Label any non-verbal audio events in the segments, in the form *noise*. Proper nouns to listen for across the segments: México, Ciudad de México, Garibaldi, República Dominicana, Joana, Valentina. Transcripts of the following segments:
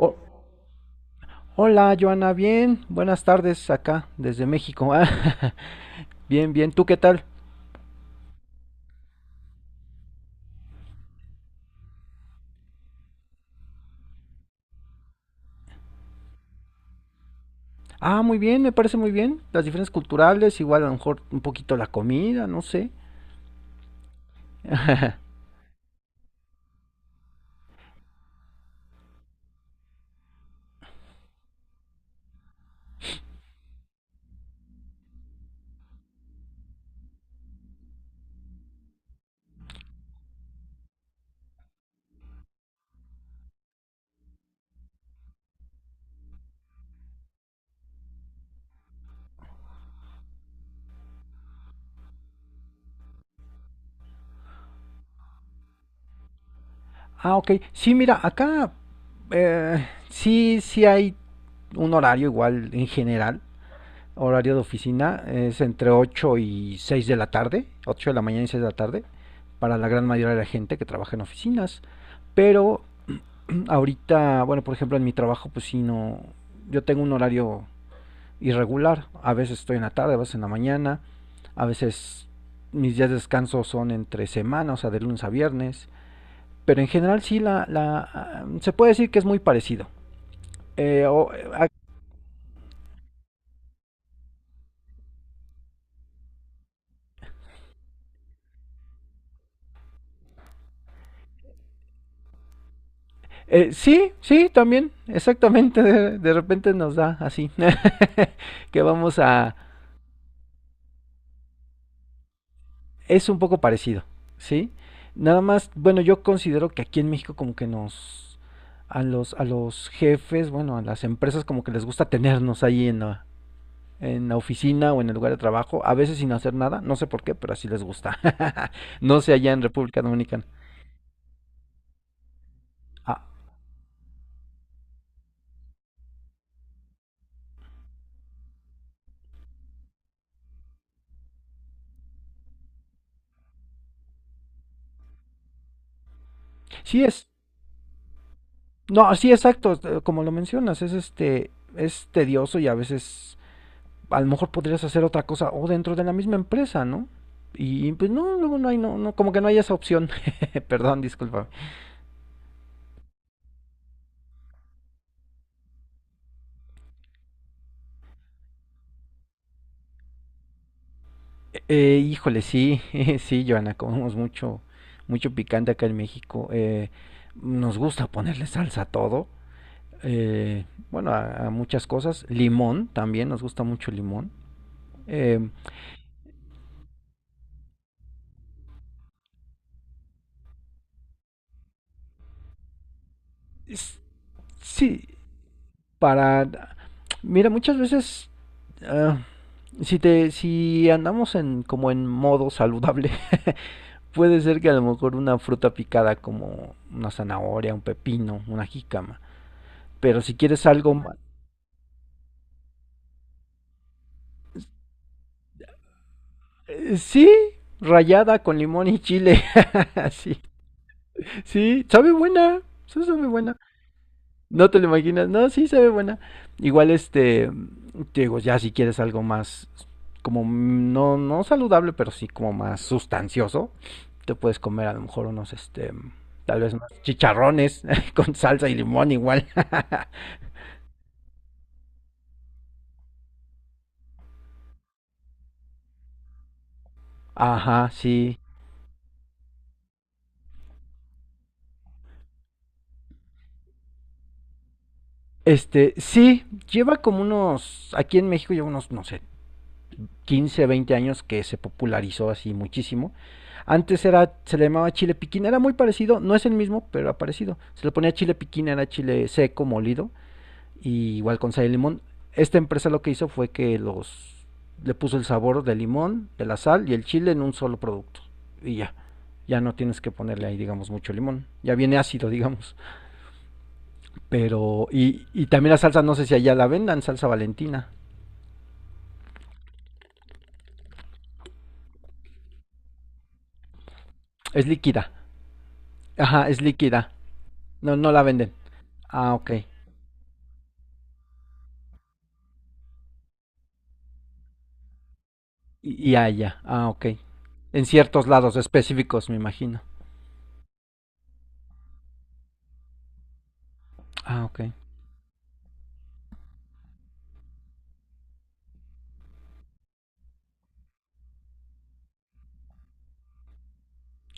Oh, hola, Joana, bien. Buenas tardes acá, desde México. *laughs* Ah, bien, bien. ¿Tú qué tal? Ah, muy bien, me parece muy bien. Las diferencias culturales, igual a lo mejor un poquito la comida, no sé. Ah, ok. Sí, mira, acá sí, sí hay un horario igual en general. Horario de oficina es entre 8 y 6 de la tarde, 8 de la mañana y 6 de la tarde, para la gran mayoría de la gente que trabaja en oficinas. Pero ahorita, bueno, por ejemplo, en mi trabajo, pues sí, no. Yo tengo un horario irregular. A veces estoy en la tarde, a veces en la mañana. A veces mis días de descanso son entre semana, o sea, de lunes a viernes. Pero en general, sí, la se puede decir que es muy parecido. Eh, o- a- sí, sí, también, exactamente. De repente nos da así *laughs* que vamos a, es un poco parecido, ¿sí? Nada más, bueno, yo considero que aquí en México como que nos, a los jefes, bueno, a las empresas como que les gusta tenernos ahí en la oficina o en el lugar de trabajo, a veces sin hacer nada, no sé por qué, pero así les gusta. *laughs* No sé allá en República Dominicana. Ah, sí es, no, sí, exacto, como lo mencionas, es este, es tedioso y a veces a lo mejor podrías hacer otra cosa o dentro de la misma empresa, ¿no? Y pues no, luego no hay, no, no, como que no hay esa opción. *laughs* Perdón, disculpa. Híjole, sí, *laughs* sí, Joana, comemos mucho, mucho picante acá en México. Nos gusta ponerle salsa a todo. eh, bueno, a muchas cosas. Limón también, nos gusta mucho el limón. Eh, s- sí, para... Mira, muchas veces... ah, si andamos en como en modo saludable, *laughs* puede ser que a lo mejor una fruta picada como una zanahoria, un pepino, una jícama. Pero si quieres algo... sí, rayada con limón y chile. *laughs* Sí, sí, sabe buena. Sí, sabe buena. No te lo imaginas. No, sí, sabe buena. Igual este... Te digo, ya si quieres algo más... Como no, no saludable, pero sí como más sustancioso. Te puedes comer a lo mejor unos este... Tal vez más chicharrones *laughs* con salsa y limón igual. *laughs* Ajá, sí. Este, sí, lleva como unos, aquí en México lleva unos, no sé, 15 20 años que se popularizó así muchísimo. Antes era, se le llamaba chile piquín, era muy parecido, no es el mismo, pero era parecido. Se le ponía chile piquín, era chile seco, molido, y igual con sal y limón. Esta empresa lo que hizo fue que los, le puso el sabor del limón, de la sal y el chile en un solo producto. Y ya, ya no tienes que ponerle ahí, digamos, mucho limón. Ya viene ácido, *laughs* digamos. Pero, y también la salsa, no sé si allá la vendan, salsa valentina. Es líquida. Ajá, es líquida. No, no la venden. Ah, ok. Y allá. Ah, ok. En ciertos lados específicos, me imagino. Ah, ok.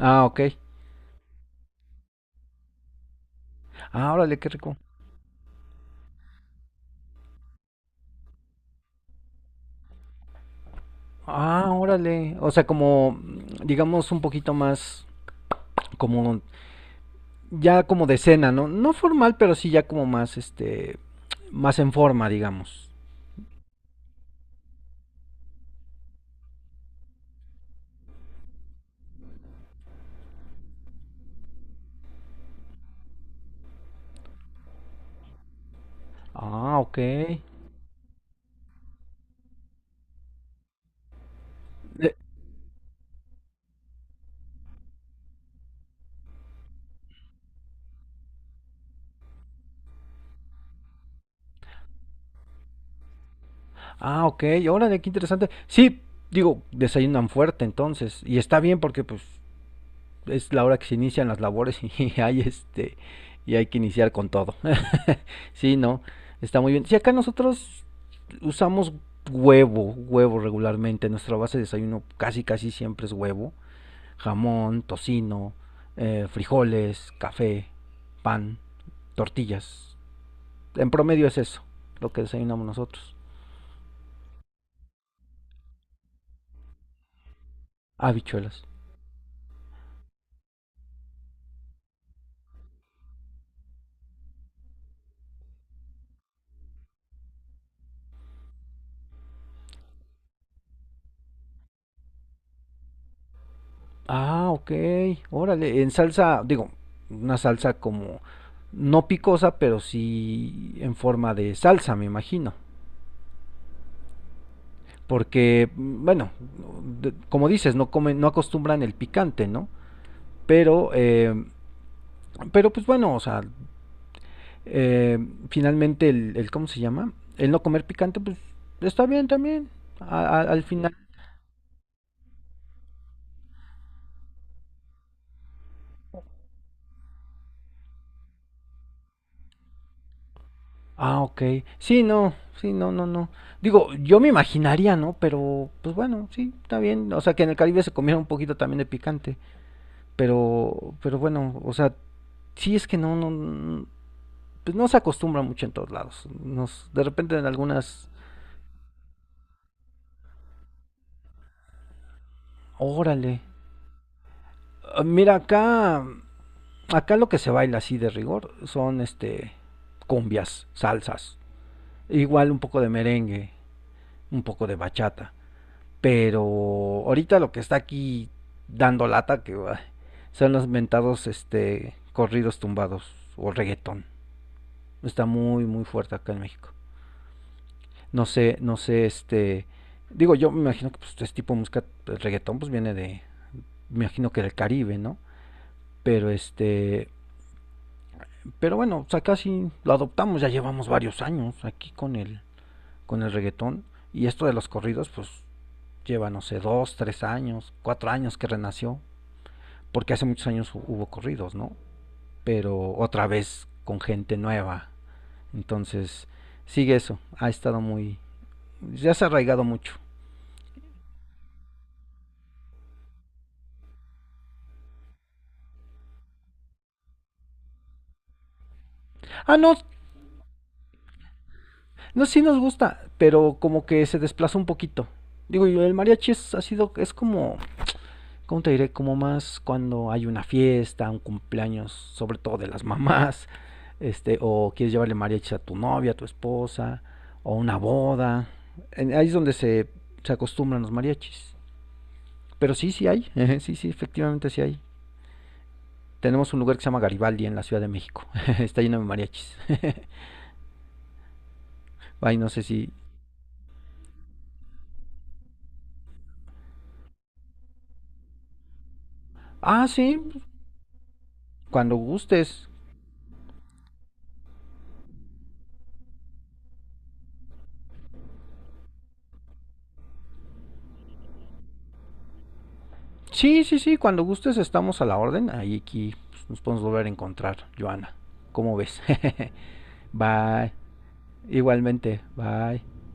Ah, ok. Ah, órale, qué rico. Ah, órale. O sea, como, digamos, un poquito más, como, ya como de cena, ¿no? No formal, pero sí ya como más, este, más en forma, digamos. Ah, ok. De- Ah, ok, órale, qué interesante. Sí, digo, desayunan fuerte entonces. Y está bien porque, pues, es la hora que se inician las labores *laughs* y hay este y hay que iniciar con todo. *laughs* Sí, no, está muy bien. Si acá nosotros usamos huevo, huevo regularmente, nuestra base de desayuno casi casi siempre es huevo, jamón, tocino, frijoles, café, pan, tortillas. En promedio es eso, lo que desayunamos nosotros. Habichuelas. Ah, ok. Órale, en salsa, digo, una salsa como no picosa, pero sí en forma de salsa, me imagino. Porque, bueno, como dices, no comen, no acostumbran el picante, ¿no? Pero, eh, pero pues bueno, o sea, eh, finalmente ¿cómo se llama? El no comer picante, pues está bien también. Al final. Ah, ok. Sí, no, sí, no, no, no. Digo, yo me imaginaría, ¿no? Pero, pues bueno, sí, está bien. O sea, que en el Caribe se comiera un poquito también de picante. Pero bueno, o sea, sí es que no, no, no, pues no se acostumbra mucho en todos lados. Nos, de repente en algunas, órale. Ah, mira, acá lo que se baila así de rigor son, este, cumbias, salsas. Igual un poco de merengue, un poco de bachata. Pero ahorita lo que está aquí dando lata que ay, son los mentados este corridos tumbados o reggaetón. Está muy muy fuerte acá en México. No sé este digo yo me imagino que pues, este tipo de música el reggaetón pues viene de me imagino que del Caribe, ¿no? Pero este, pero bueno, o sea, casi lo adoptamos, ya llevamos varios años aquí con el reggaetón y esto de los corridos pues lleva no sé, 2, 3 años, 4 años que renació porque hace muchos años hubo corridos, ¿no? Pero otra vez con gente nueva. Entonces, sigue eso. Ha estado muy. Ya se ha arraigado mucho. Ah, no, no, sí nos gusta, pero como que se desplazó un poquito. Digo, el mariachi es, ha sido, es como, ¿cómo te diré? Como más cuando hay una fiesta, un cumpleaños, sobre todo de las mamás, este, o quieres llevarle mariachi a tu novia, a tu esposa, o una boda. Ahí es donde se acostumbran los mariachis. Pero sí, sí hay. *laughs* Sí, sí, efectivamente sí hay. Tenemos un lugar que se llama Garibaldi en la Ciudad de México. *laughs* Está lleno de mariachis. *laughs* Ay, no sé si... Ah, sí, cuando gustes. Sí, sí, sí, cuando gustes estamos a la orden. Ahí aquí pues, nos podemos volver a encontrar, Joana. ¿Cómo ves? *laughs* Bye. Igualmente, bye.